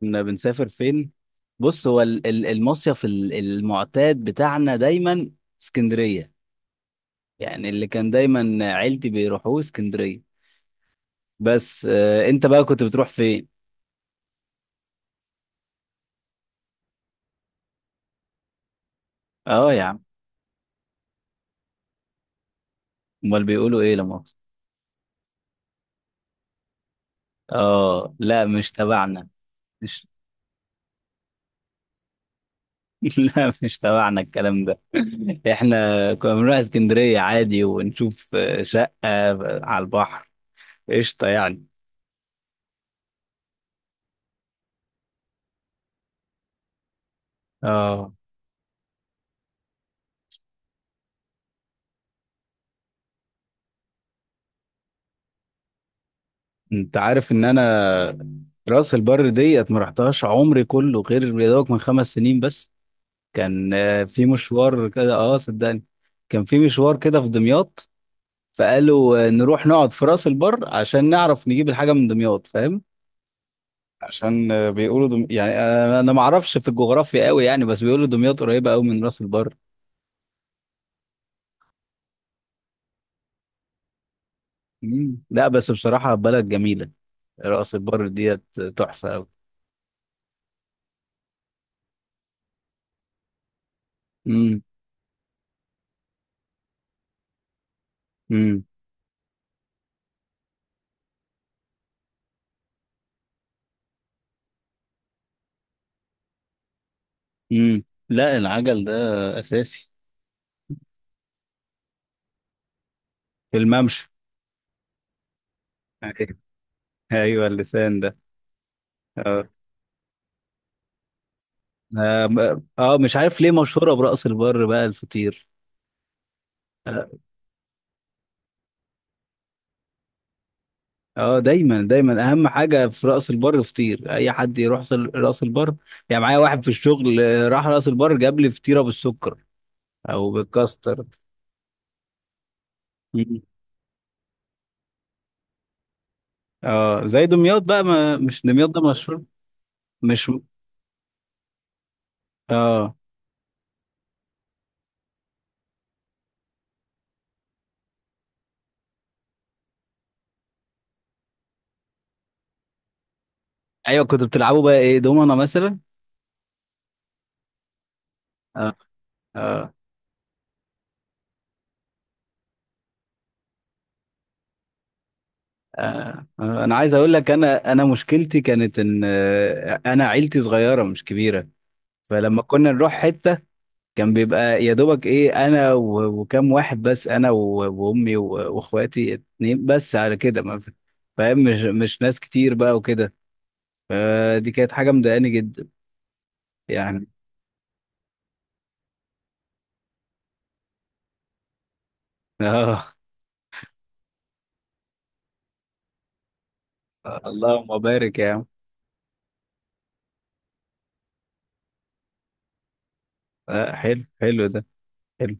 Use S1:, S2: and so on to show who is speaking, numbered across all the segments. S1: كنا بنسافر فين؟ بص، هو المصيف المعتاد بتاعنا دايما اسكندرية. يعني اللي كان دايما عيلتي بيروحوه اسكندرية. بس، انت بقى كنت بتروح فين؟ اه يا عم. امال بيقولوا ايه لما أقصد؟ اه، لا مش تبعنا. مش. لا، مش تبعنا الكلام ده. احنا كنا بنروح اسكندرية عادي ونشوف شقة على البحر. قشطة يعني. اه، انت عارف ان انا راس البر ديت ما رحتهاش عمري كله غير يا دوبك من 5 سنين بس. كان في مشوار كده، اه صدقني. كان في مشوار كده في دمياط. فقالوا نروح نقعد في راس البر عشان نعرف نجيب الحاجه من دمياط، فاهم. عشان بيقولوا يعني انا ما اعرفش في الجغرافيا قوي يعني، بس بيقولوا دمياط قريبه قوي من راس البر. مم. لا، بس بصراحه بلد جميله. راس البر ديت تحفه قوي. امم. امم. امم. لا، العجل ده اساسي. الممشى. أيوة. أيوة، اللسان ده. اه. آه، مش عارف ليه مشهورة برأس البر بقى الفطير. اه. دايما دايما اهم حاجة في رأس البر فطير. اي حد يروح رأس البر، يعني معايا واحد في الشغل راح رأس البر جاب لي فطيرة بالسكر او بالكاسترد. مم. اه، زي دمياط بقى، ما مش دمياط ده مشهور. مش. اه. ايوه، كنتوا بتلعبوا بقى ايه، دومنا مثلا؟ اه. اه. انا عايز اقول لك، انا مشكلتي كانت ان انا عيلتي صغيره مش كبيره. فلما كنا نروح حته، كان بيبقى يا دوبك ايه، انا وكم واحد بس، انا وامي واخواتي اتنين بس، على كده ما في- فاهم، مش ناس كتير بقى وكده. فدي كانت حاجه مضايقاني جدا. يعني اه. اللهم بارك يا عم. حلو، حلو ده. حلو.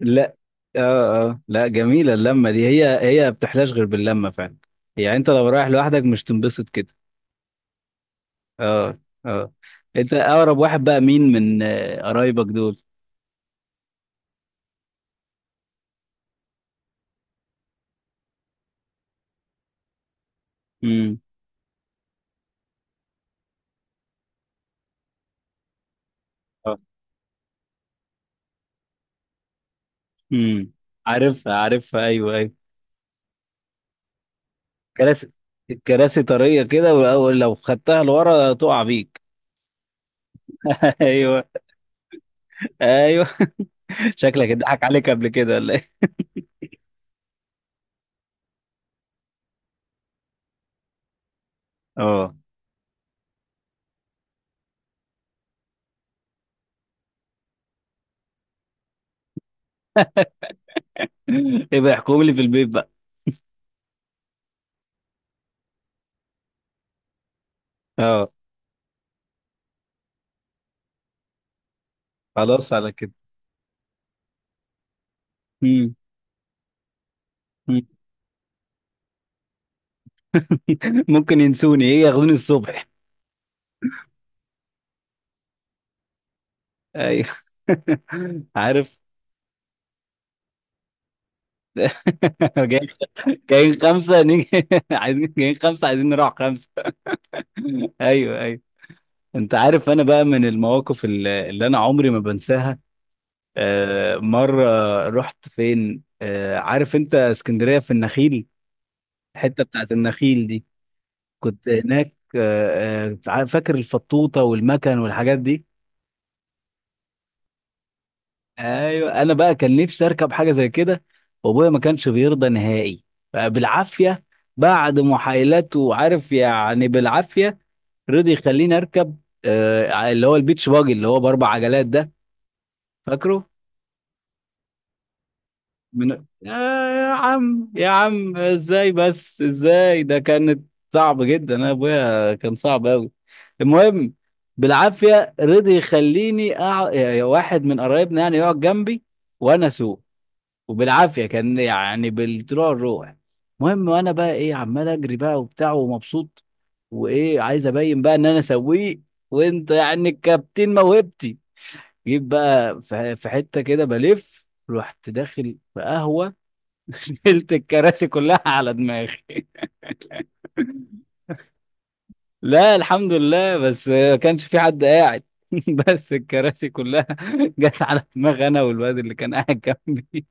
S1: لا. اه. اه، لا، جميلة اللمة دي، هي هي ما بتحلاش غير باللمة فعلا. يعني انت لو رايح لوحدك مش تنبسط كده. اه. اه. انت اقرب واحد بقى مين من قرايبك دول؟ امم. اه. امم. عارفها، عارفها، ايوه ايوه. كراسي. الكراسي طرية كده، والاول لو خدتها لورا تقع بيك. ايوه ايوه. شكلك اتضحك عليك قبل كده ولا ايه؟ اه. يبقى احكم لي في البيت بقى. اه. خلاص على كده. امم. ممكن ينسوني، ايه، ياخدوني الصبح. ايوه. عارف. جايين، خمسه نيجي، عايزين، جايين خمسه، عايزين نروح خمسه. ايوه ايوه. انت عارف انا بقى من المواقف اللي انا عمري ما بنساها. مره رحت فين؟ عارف انت اسكندريه في النخيل، الحته بتاعت النخيل دي. كنت هناك فاكر الفطوطه والمكن والحاجات دي. ايوه، انا بقى كان نفسي اركب حاجه زي كده، وابويا ما كانش بيرضى نهائي. بقى بالعافيه، بعد محايلات وعارف يعني، بالعافيه رضي يخليني اركب. آه، اللي هو البيتش باجي اللي هو باربع عجلات ده. فاكره. من يا عم، يا عم، ازاي بس، ازاي، ده كانت صعب جدا. انا ابويا كان صعب قوي. المهم، بالعافيه رضي يخليني يا واحد من قرايبنا يعني يقعد جنبي، وانا اسوق، وبالعافيه كان يعني بالطلوع الروح. المهم، وانا بقى ايه، عمال اجري بقى وبتاع ومبسوط. وايه، عايز ابين بقى ان انا سويق، وانت يعني الكابتن موهبتي. جيت بقى في حته كده بلف، رحت داخل في قهوه. شلت الكراسي كلها على دماغي. لا الحمد لله، بس ما كانش في حد قاعد. بس الكراسي كلها جت على دماغ انا والواد اللي كان قاعد جنبي.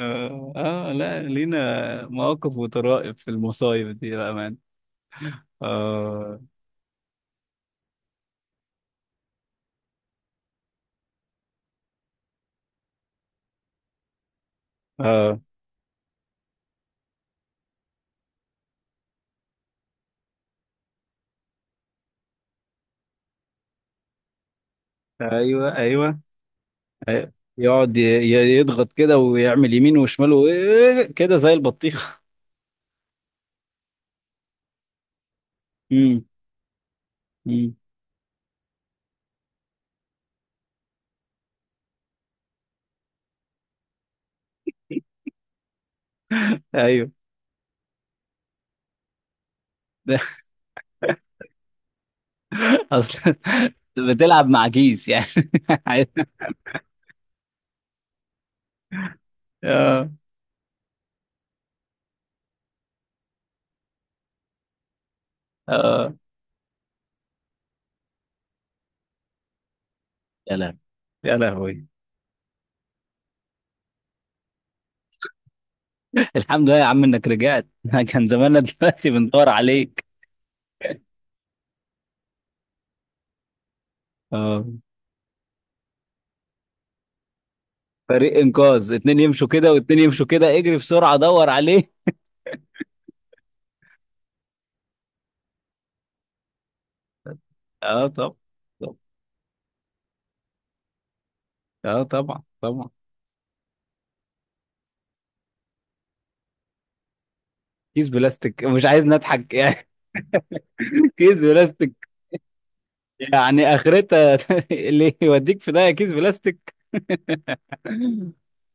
S1: لا، لينا مواقف وطرائف في المصايب دي بقى مان. آه. آه. أيوه أيوه. أيوه. يقعد يضغط كده ويعمل يمين وشمال كده زي البطيخ. امم. امم. أيوه. ده أصلا بتلعب مع كيس يعني. آه. آه. يا لهوي. يا لهوي. الحمد لله يا عم إنك رجعت. كان زماننا دلوقتي بندور عليك. اه. فريق انقاذ، اتنين يمشوا كده واتنين يمشوا كده، اجري بسرعه دور عليه. اه. طب. طب. اه طبعا طبعا. كيس بلاستيك مش عايز نضحك يعني. كيس بلاستيك. يعني اخرتها، اللي يوديك في ده كيس بلاستيك.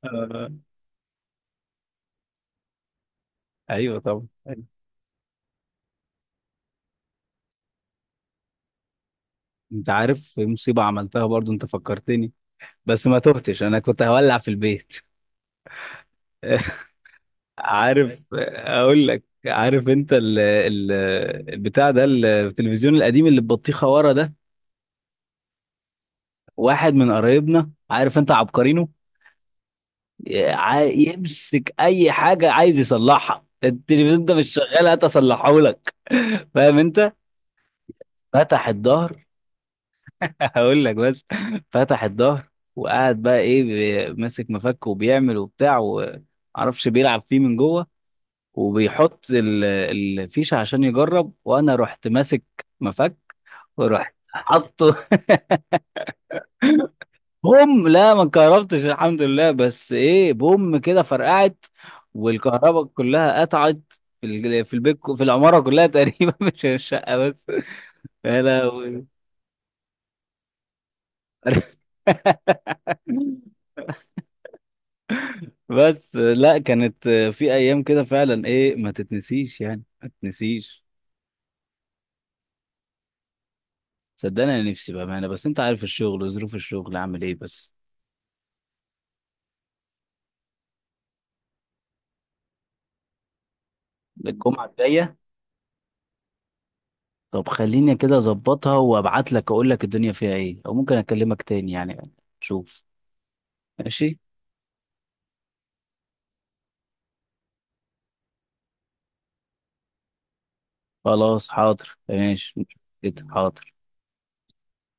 S1: آه. ايوه طبعا أيوة. انت عارف مصيبه عملتها برضو، انت فكرتني. بس ما تهتش، انا كنت هولع في البيت. عارف اقول لك، عارف انت ال ال البتاع ده، التلفزيون القديم اللي ببطيخه ورا ده. واحد من قرايبنا عارف انت عبقرينه، يمسك اي حاجه عايز يصلحها. التلفزيون ده مش شغال، هات اصلحه لك. فاهم انت. فتح الظهر. هقول لك بس. فتح الظهر، وقعد بقى ايه، ماسك مفك وبيعمل وبتاع، ومعرفش بيلعب فيه من جوه، وبيحط الفيشه عشان يجرب، وانا رحت ماسك مفك، ورحت حطه. بوم! لا، ما انكهربتش الحمد لله، بس ايه، بوم كده فرقعت، والكهرباء كلها قطعت في البيت، في العماره كلها تقريبا، مش الشقه بس. يا لهوي. بس لا، كانت في ايام كده فعلا ايه، ما تتنسيش يعني، ما تتنسيش. صدقني، انا نفسي بامانه، بس انت عارف الشغل وظروف الشغل عامل ايه بس. الجمعه الجايه؟ طب خليني كده اظبطها وابعت لك، اقول لك الدنيا فيها ايه، او ممكن اكلمك تاني يعني. شوف. ماشي. خلاص حاضر، ماشي. حاضر.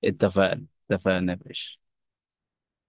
S1: اتفقنا، اتفقنا يا باشا.